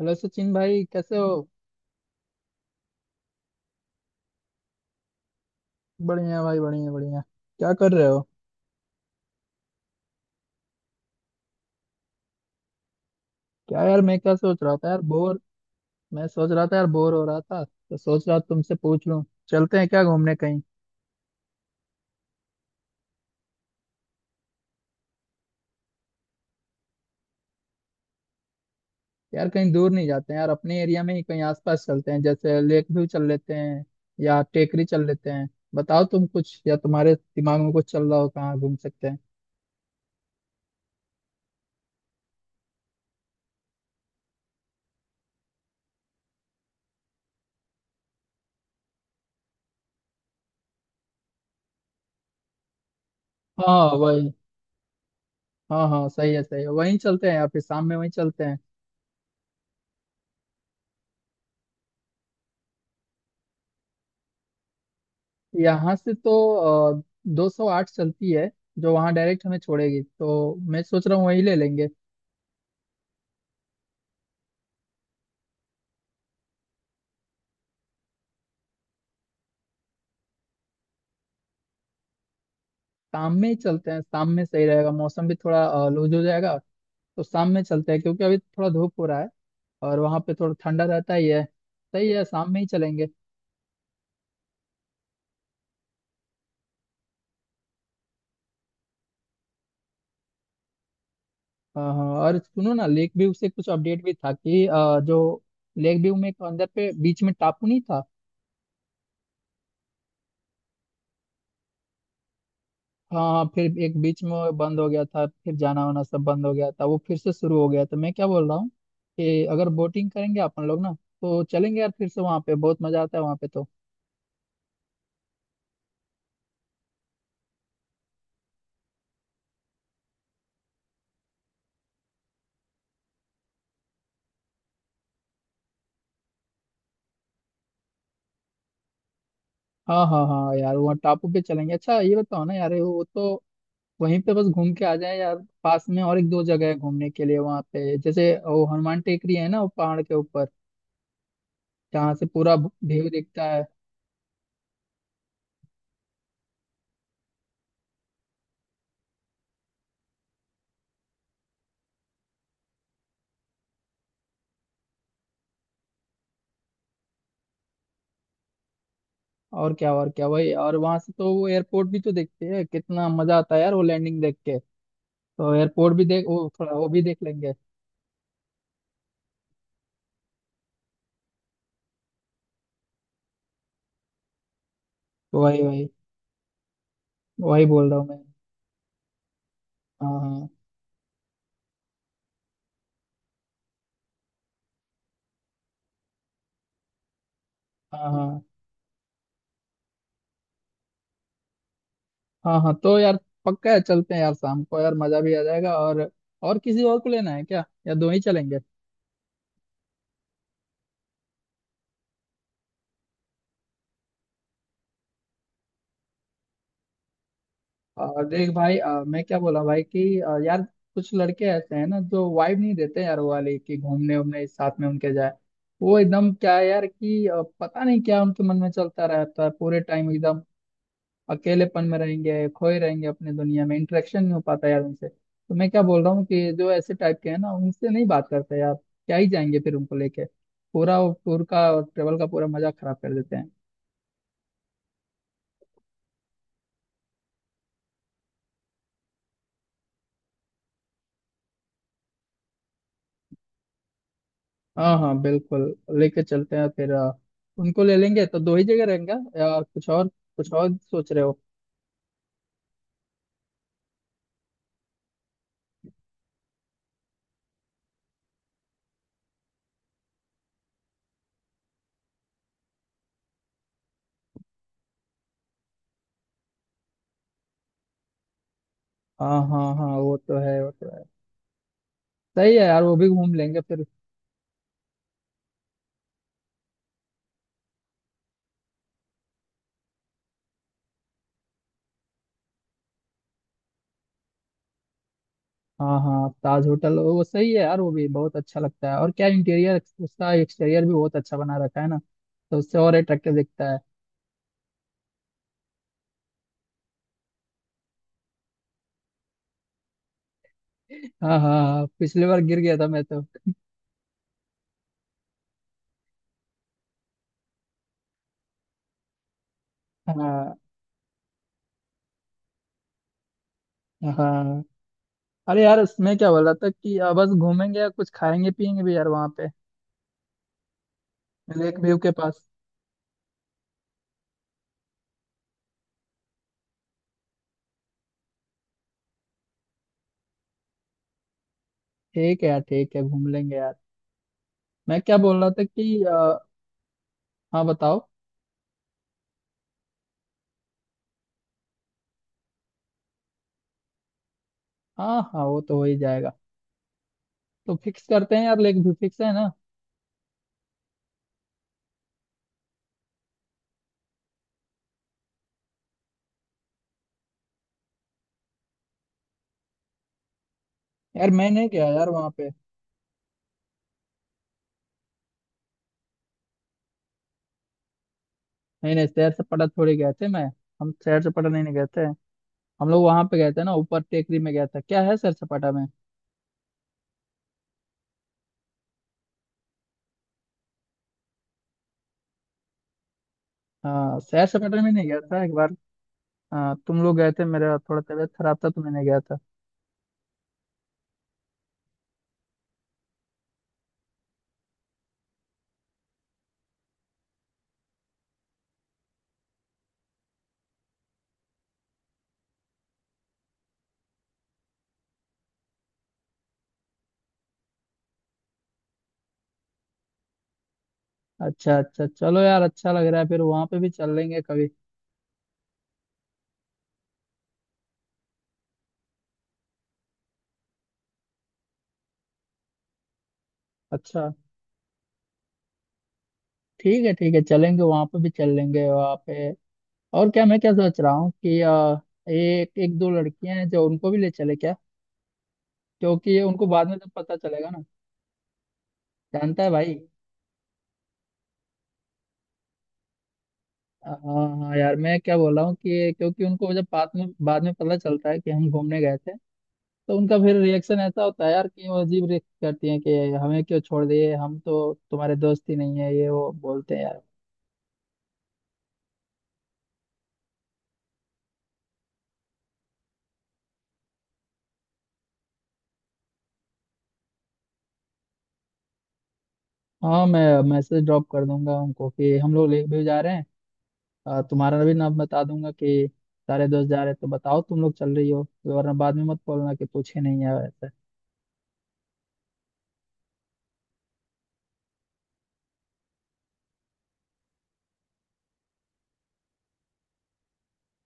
Hello Sachin भाई, कैसे हो। बढ़िया भाई, बढ़िया बढ़िया क्या कर रहे हो। क्या यार, मैं क्या सोच रहा था यार, बोर। मैं सोच रहा था यार, बोर हो रहा था तो सोच रहा तुमसे पूछ लूं। चलते हैं क्या घूमने कहीं। यार कहीं दूर नहीं जाते हैं यार, अपने एरिया में ही कहीं आसपास चलते हैं, जैसे लेक व्यू चल लेते हैं या टेकरी चल लेते हैं। बताओ तुम कुछ, या तुम्हारे दिमाग में कुछ चल रहा हो कहाँ घूम सकते हैं। हाँ, वही। हाँ हाँ, सही है सही है, वहीं चलते हैं, या फिर शाम में वहीं चलते हैं। यहाँ से तो 208 चलती है, जो वहाँ डायरेक्ट हमें छोड़ेगी, तो मैं सोच रहा हूँ वही ले लेंगे। शाम में ही चलते हैं, शाम में सही रहेगा, मौसम भी थोड़ा लूज हो जाएगा। तो शाम में चलते हैं क्योंकि अभी थोड़ा धूप हो रहा है, और वहाँ पे थोड़ा ठंडा रहता ही है। सही है, शाम में ही चलेंगे। हाँ हाँ, और सुनो ना, लेक व्यू से कुछ अपडेट भी था कि जो लेक व्यू में एक अंदर पे बीच में टापू नहीं था। हाँ, फिर एक बीच में वो बंद हो गया था, फिर जाना वाना सब बंद हो गया था, वो फिर से शुरू हो गया। तो मैं क्या बोल रहा हूँ कि अगर बोटिंग करेंगे अपन लोग ना, तो चलेंगे यार फिर से, वहाँ पे बहुत मजा आता है वहाँ पे तो। हाँ हाँ हाँ, यार वहाँ टापू पे चलेंगे। अच्छा, ये बताओ ना यार, वो तो वहीं पे बस घूम के आ जाए यार। पास में और एक दो जगह है घूमने के लिए वहाँ पे, जैसे वो हनुमान टेकरी है ना, वो पहाड़ के ऊपर जहाँ से पूरा व्यू दिखता है। और क्या और क्या, वही। और वहां से तो वो एयरपोर्ट भी तो देखते हैं, कितना मजा आता है यार वो लैंडिंग देख के। तो एयरपोर्ट भी देख, वो थोड़ा वो भी देख लेंगे। तो वही वही, वही बोल रहा हूँ मैं। हाँ हाँ हाँ हाँ हाँ हाँ, तो यार पक्का है, चलते हैं यार शाम को, यार मजा भी आ जाएगा। और किसी और को लेना है क्या, या दो ही चलेंगे। देख भाई, मैं क्या बोला भाई कि यार कुछ लड़के ऐसे हैं ना जो वाइब नहीं देते यार, वो वाले कि घूमने उमने साथ में उनके जाए। वो एकदम क्या है यार कि पता नहीं क्या उनके मन में चलता रहता है पूरे टाइम एकदम, अकेलेपन में रहेंगे, खोए रहेंगे अपने दुनिया में, इंटरेक्शन नहीं हो पाता यार उनसे। तो मैं क्या बोल रहा हूँ कि जो ऐसे टाइप के हैं ना, उनसे नहीं बात करते यार, क्या ही जाएंगे फिर उनको लेके। पूरा वो टूर का और ट्रेवल का पूरा मजा खराब कर देते हैं। हाँ हाँ बिल्कुल, लेके चलते हैं फिर। उनको ले लेंगे तो दो ही जगह रहेंगे, या कुछ और सोच रहे हो। हाँ हाँ हाँ, वो तो है, वो तो है। सही है यार, वो भी घूम लेंगे फिर। हाँ हाँ, ताज होटल, वो सही है यार, वो भी बहुत अच्छा लगता है। और क्या इंटीरियर, उसका एक्सटीरियर भी बहुत अच्छा बना रखा है ना, तो उससे और अट्रैक्टिव दिखता है। हाँ हाँ हाँ, पिछली बार गिर गया था मैं तो। हाँ। हाँ, अरे यार, मैं क्या बोल रहा था कि बस घूमेंगे या कुछ खाएंगे पियेंगे भी यार वहाँ पे, लेक व्यू के पास। ठीक है यार, ठीक है, घूम लेंगे यार। मैं क्या बोल रहा था कि हाँ बताओ। हाँ हाँ, वो तो हो ही जाएगा। तो फिक्स करते हैं यार, लेक व्यू फिक्स है ना। यार, मैं नहीं गया यार वहाँ पे। नहीं नहीं, शहर से पटना थोड़ी गए थे मैं। हम शहर से पटना नहीं, नहीं गए थे। हम लोग वहां पे गए थे ना, ऊपर टेकरी में गया था। क्या है शहर सपाटा में। हाँ, सैर सपाटा में नहीं गया था एक बार। हाँ, तुम लोग गए थे, मेरा थोड़ा तबीयत खराब था तो मैं नहीं गया था। अच्छा अच्छा, चलो यार, अच्छा लग रहा है, फिर वहां पे भी चल लेंगे कभी। अच्छा, ठीक है ठीक है, चलेंगे वहां पे भी, चल लेंगे वहां पे। और क्या, मैं क्या सोच रहा हूँ कि एक एक दो लड़कियां हैं, जो उनको भी ले चले क्या, क्योंकि ये उनको बाद में तब पता चलेगा ना, जानता है भाई। हाँ हाँ हाँ, यार मैं क्या बोल रहा हूँ कि क्योंकि उनको जब बाद में पता चलता है कि हम घूमने गए थे, तो उनका फिर रिएक्शन ऐसा होता है यार कि वो अजीब रिएक्ट करती हैं कि हमें क्यों छोड़ दिए, हम तो तुम्हारे दोस्त ही नहीं है, ये वो बोलते हैं यार। हाँ, मैं मैसेज ड्रॉप कर दूंगा उनको कि हम लोग ले भी जा रहे हैं। तुम्हारा भी नाम बता दूंगा कि सारे दोस्त जा रहे हैं, तो बताओ तुम लोग चल रही हो, वरना बाद में मत बोलना कि पूछे नहीं है वैसे।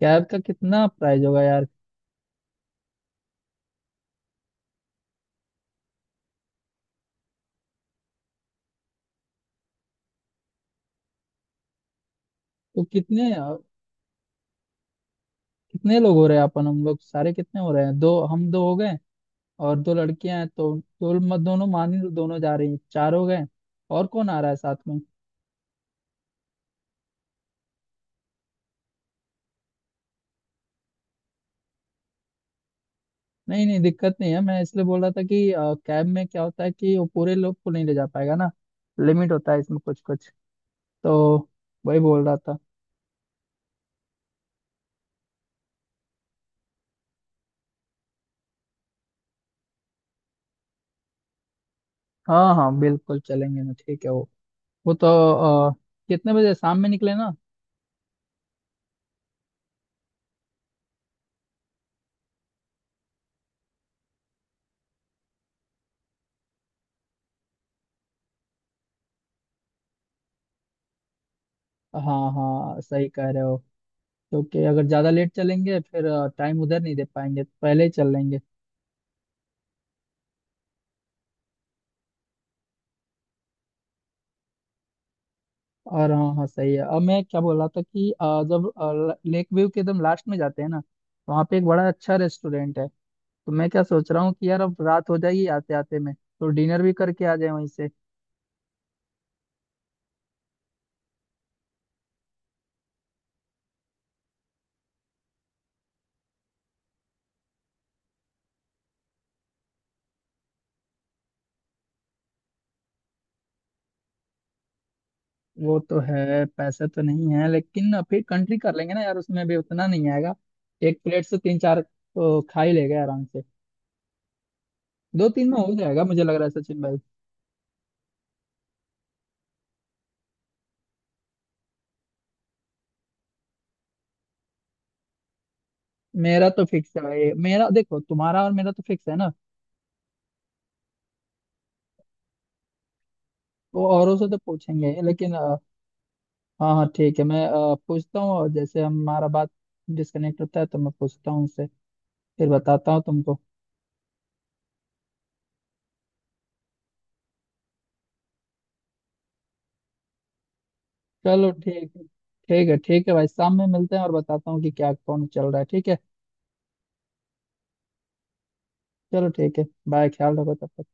कैब का कितना प्राइस होगा यार। तो कितने कितने लोग हो रहे हैं अपन, हम लोग सारे कितने हो रहे हैं, दो हम दो हो गए, और दो लड़कियां हैं तो, दोनों मान ही लो, दोनों जा रही हैं, चार हो गए। और कौन आ रहा है साथ में। नहीं नहीं, दिक्कत नहीं है, मैं इसलिए बोल रहा था कि कैब में क्या होता है कि वो पूरे लोग को नहीं ले जा पाएगा ना, लिमिट होता है इसमें कुछ कुछ। तो वही बोल रहा था। हाँ हाँ बिल्कुल चलेंगे ना। ठीक है, वो तो अ, कितने बजे शाम में निकले ना। हाँ हाँ, सही कह रहे हो, क्योंकि अगर ज्यादा लेट चलेंगे फिर टाइम उधर नहीं दे पाएंगे, तो पहले ही चल लेंगे। और हाँ हाँ, सही है। अब मैं क्या बोल रहा था कि जब लेक व्यू के एकदम लास्ट में जाते हैं ना, तो वहाँ पे एक बड़ा अच्छा रेस्टोरेंट है। तो मैं क्या सोच रहा हूँ कि यार, अब रात हो जाएगी आते आते में, तो डिनर भी करके आ जाए वहीं से। वो तो है, पैसा तो नहीं है, लेकिन फिर कंट्री कर लेंगे ना यार, उसमें भी उतना नहीं आएगा, एक प्लेट से तीन चार तो खा ही लेगा आराम से। दो तीन में हो जाएगा, मुझे लग रहा है सचिन भाई। मेरा तो फिक्स है भाई, मेरा देखो, तुम्हारा और मेरा तो फिक्स है ना। वो औरों से तो पूछेंगे लेकिन हाँ हाँ ठीक है, मैं पूछता हूँ, और जैसे हमारा बात डिस्कनेक्ट होता है तो मैं पूछता हूँ उससे, फिर बताता हूँ तुमको। चलो ठीक है, ठीक है ठीक है भाई, शाम में मिलते हैं और बताता हूँ कि क्या कौन चल रहा है, ठीक है। चलो ठीक है, बाय, ख्याल रखो तब तक।